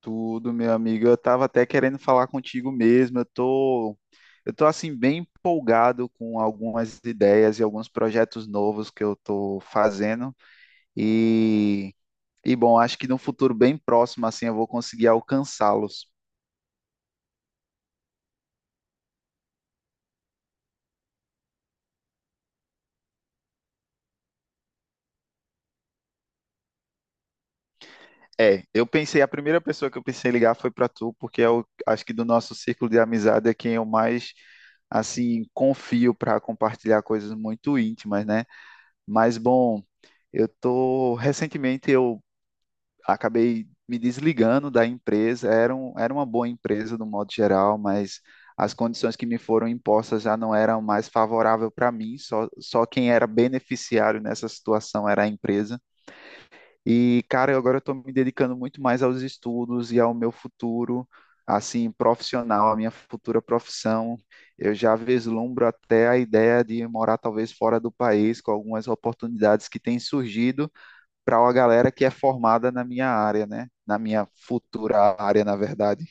Tudo, meu amigo. Eu tava até querendo falar contigo mesmo. Eu tô assim bem empolgado com algumas ideias e alguns projetos novos que eu tô fazendo e e bom, acho que no futuro bem próximo assim eu vou conseguir alcançá-los. É, eu pensei, a primeira pessoa que eu pensei em ligar foi para tu, porque eu acho que do nosso círculo de amizade é quem eu mais assim confio para compartilhar coisas muito íntimas, né? Mas bom, eu tô recentemente eu acabei me desligando da empresa. Era uma boa empresa no modo geral, mas as condições que me foram impostas já não eram mais favoráveis para mim. Só quem era beneficiário nessa situação era a empresa. E, cara, eu agora estou me dedicando muito mais aos estudos e ao meu futuro, assim, profissional, a minha futura profissão. Eu já vislumbro até a ideia de morar talvez fora do país, com algumas oportunidades que têm surgido para uma galera que é formada na minha área, né? Na minha futura área, na verdade.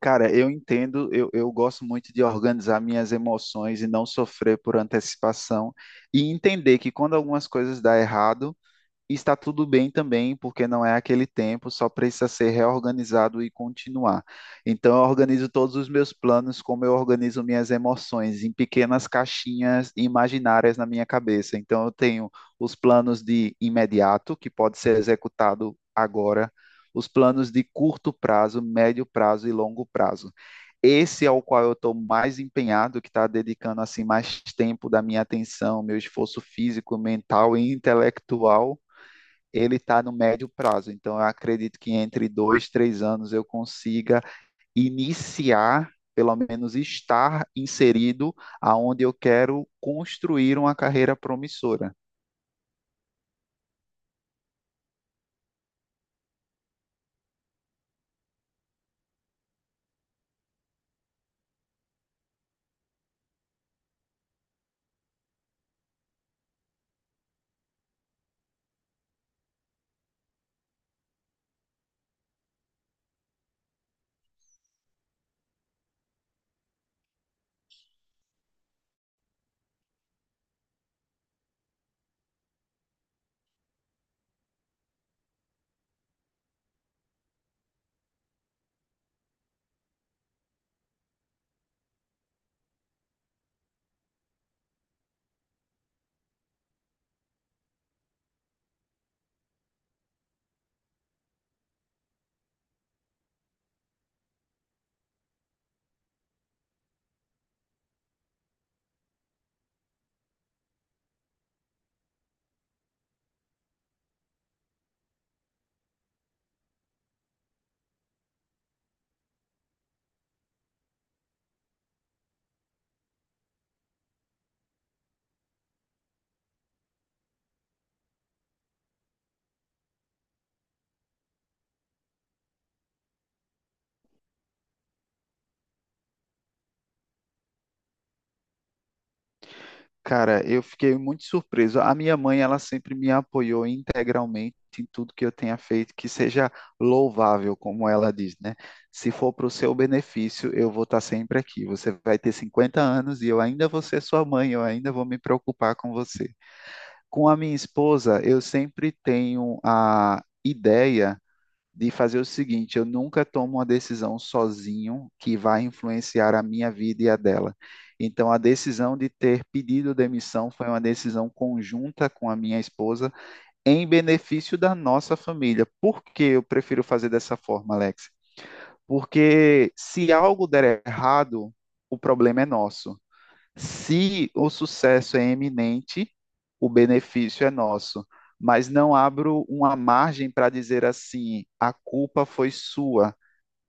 Cara, eu entendo, eu gosto muito de organizar minhas emoções e não sofrer por antecipação e entender que quando algumas coisas dão errado, e está tudo bem também, porque não é aquele tempo, só precisa ser reorganizado e continuar. Então, eu organizo todos os meus planos, como eu organizo minhas emoções, em pequenas caixinhas imaginárias na minha cabeça. Então, eu tenho os planos de imediato, que pode ser executado agora, os planos de curto prazo, médio prazo e longo prazo. Esse é o qual eu estou mais empenhado, que está dedicando assim mais tempo da minha atenção, meu esforço físico, mental e intelectual ele está no médio prazo. Então, eu acredito que entre 2, 3 anos eu consiga iniciar, pelo menos estar inserido aonde eu quero construir uma carreira promissora. Cara, eu fiquei muito surpreso. A minha mãe, ela sempre me apoiou integralmente em tudo que eu tenha feito, que seja louvável, como ela diz, né? Se for para o seu benefício, eu vou estar sempre aqui. Você vai ter 50 anos e eu ainda vou ser sua mãe, eu ainda vou me preocupar com você. Com a minha esposa, eu sempre tenho a ideia de fazer o seguinte: eu nunca tomo uma decisão sozinho que vai influenciar a minha vida e a dela. Então, a decisão de ter pedido demissão foi uma decisão conjunta com a minha esposa, em benefício da nossa família. Por que eu prefiro fazer dessa forma, Alex? Porque se algo der errado, o problema é nosso. Se o sucesso é eminente, o benefício é nosso, mas não abro uma margem para dizer assim: a culpa foi sua,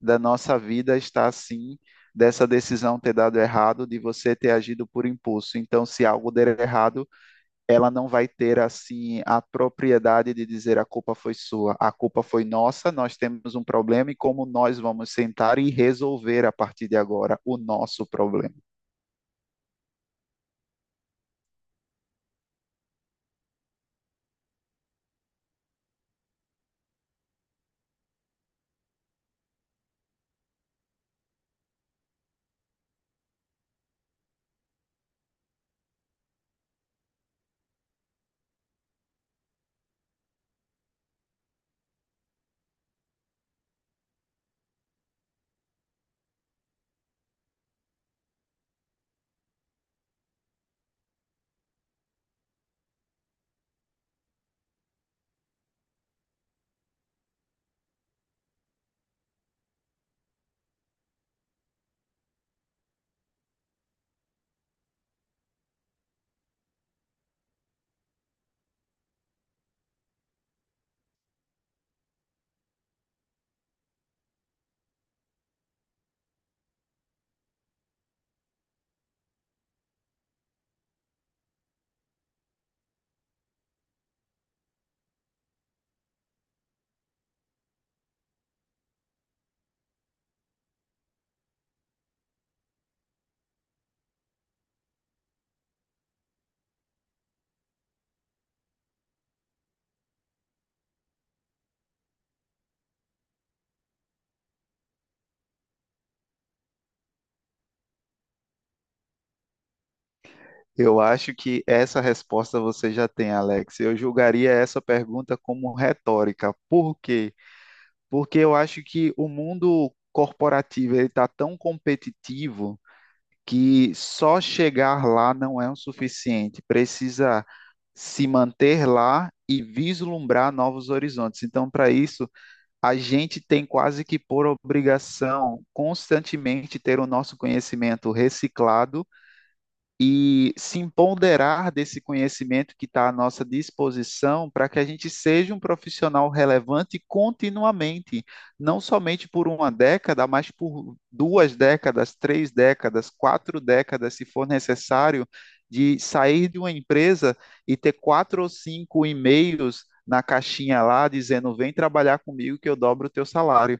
da nossa vida está assim, dessa decisão ter dado errado, de você ter agido por impulso. Então, se algo der errado, ela não vai ter assim a propriedade de dizer a culpa foi sua, a culpa foi nossa, nós temos um problema e como nós vamos sentar e resolver a partir de agora o nosso problema. Eu acho que essa resposta você já tem, Alex. Eu julgaria essa pergunta como retórica. Por quê? Porque eu acho que o mundo corporativo ele está tão competitivo que só chegar lá não é o suficiente. Precisa se manter lá e vislumbrar novos horizontes. Então, para isso, a gente tem quase que por obrigação constantemente ter o nosso conhecimento reciclado e se empoderar desse conhecimento que está à nossa disposição para que a gente seja um profissional relevante continuamente, não somente por uma década, mas por 2 décadas, 3 décadas, 4 décadas, se for necessário, de sair de uma empresa e ter 4 ou 5 e-mails na caixinha lá dizendo: vem trabalhar comigo que eu dobro o teu salário.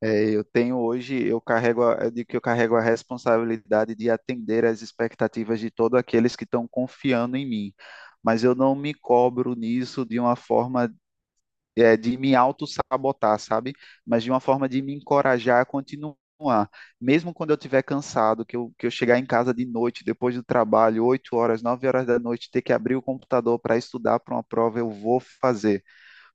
É, eu tenho hoje, eu carrego, a, eu digo que eu carrego a responsabilidade de atender às expectativas de todos aqueles que estão confiando em mim, mas eu não me cobro nisso de uma forma, de me auto-sabotar, sabe? Mas de uma forma de me encorajar a continuar. Mesmo quando eu estiver cansado, que eu chegar em casa de noite, depois do trabalho, 8 horas, 9 horas da noite, ter que abrir o computador para estudar para uma prova, eu vou fazer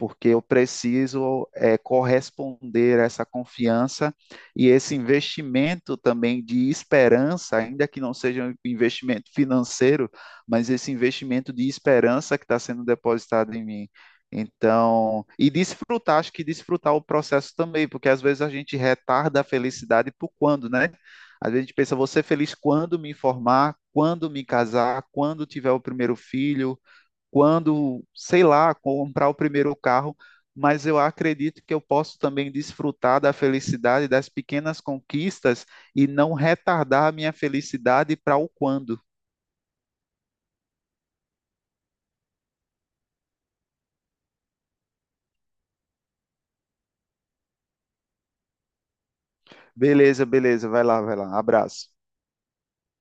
porque eu preciso corresponder a essa confiança e esse investimento também de esperança, ainda que não seja um investimento financeiro, mas esse investimento de esperança que está sendo depositado em mim. Então, e desfrutar, acho que desfrutar o processo também, porque às vezes a gente retarda a felicidade por quando, né? Às vezes a gente pensa, vou ser feliz quando me formar, quando me casar, quando tiver o primeiro filho, quando, sei lá, comprar o primeiro carro, mas eu acredito que eu posso também desfrutar da felicidade das pequenas conquistas e não retardar a minha felicidade para o quando. Beleza, beleza, vai lá, vai lá. Abraço.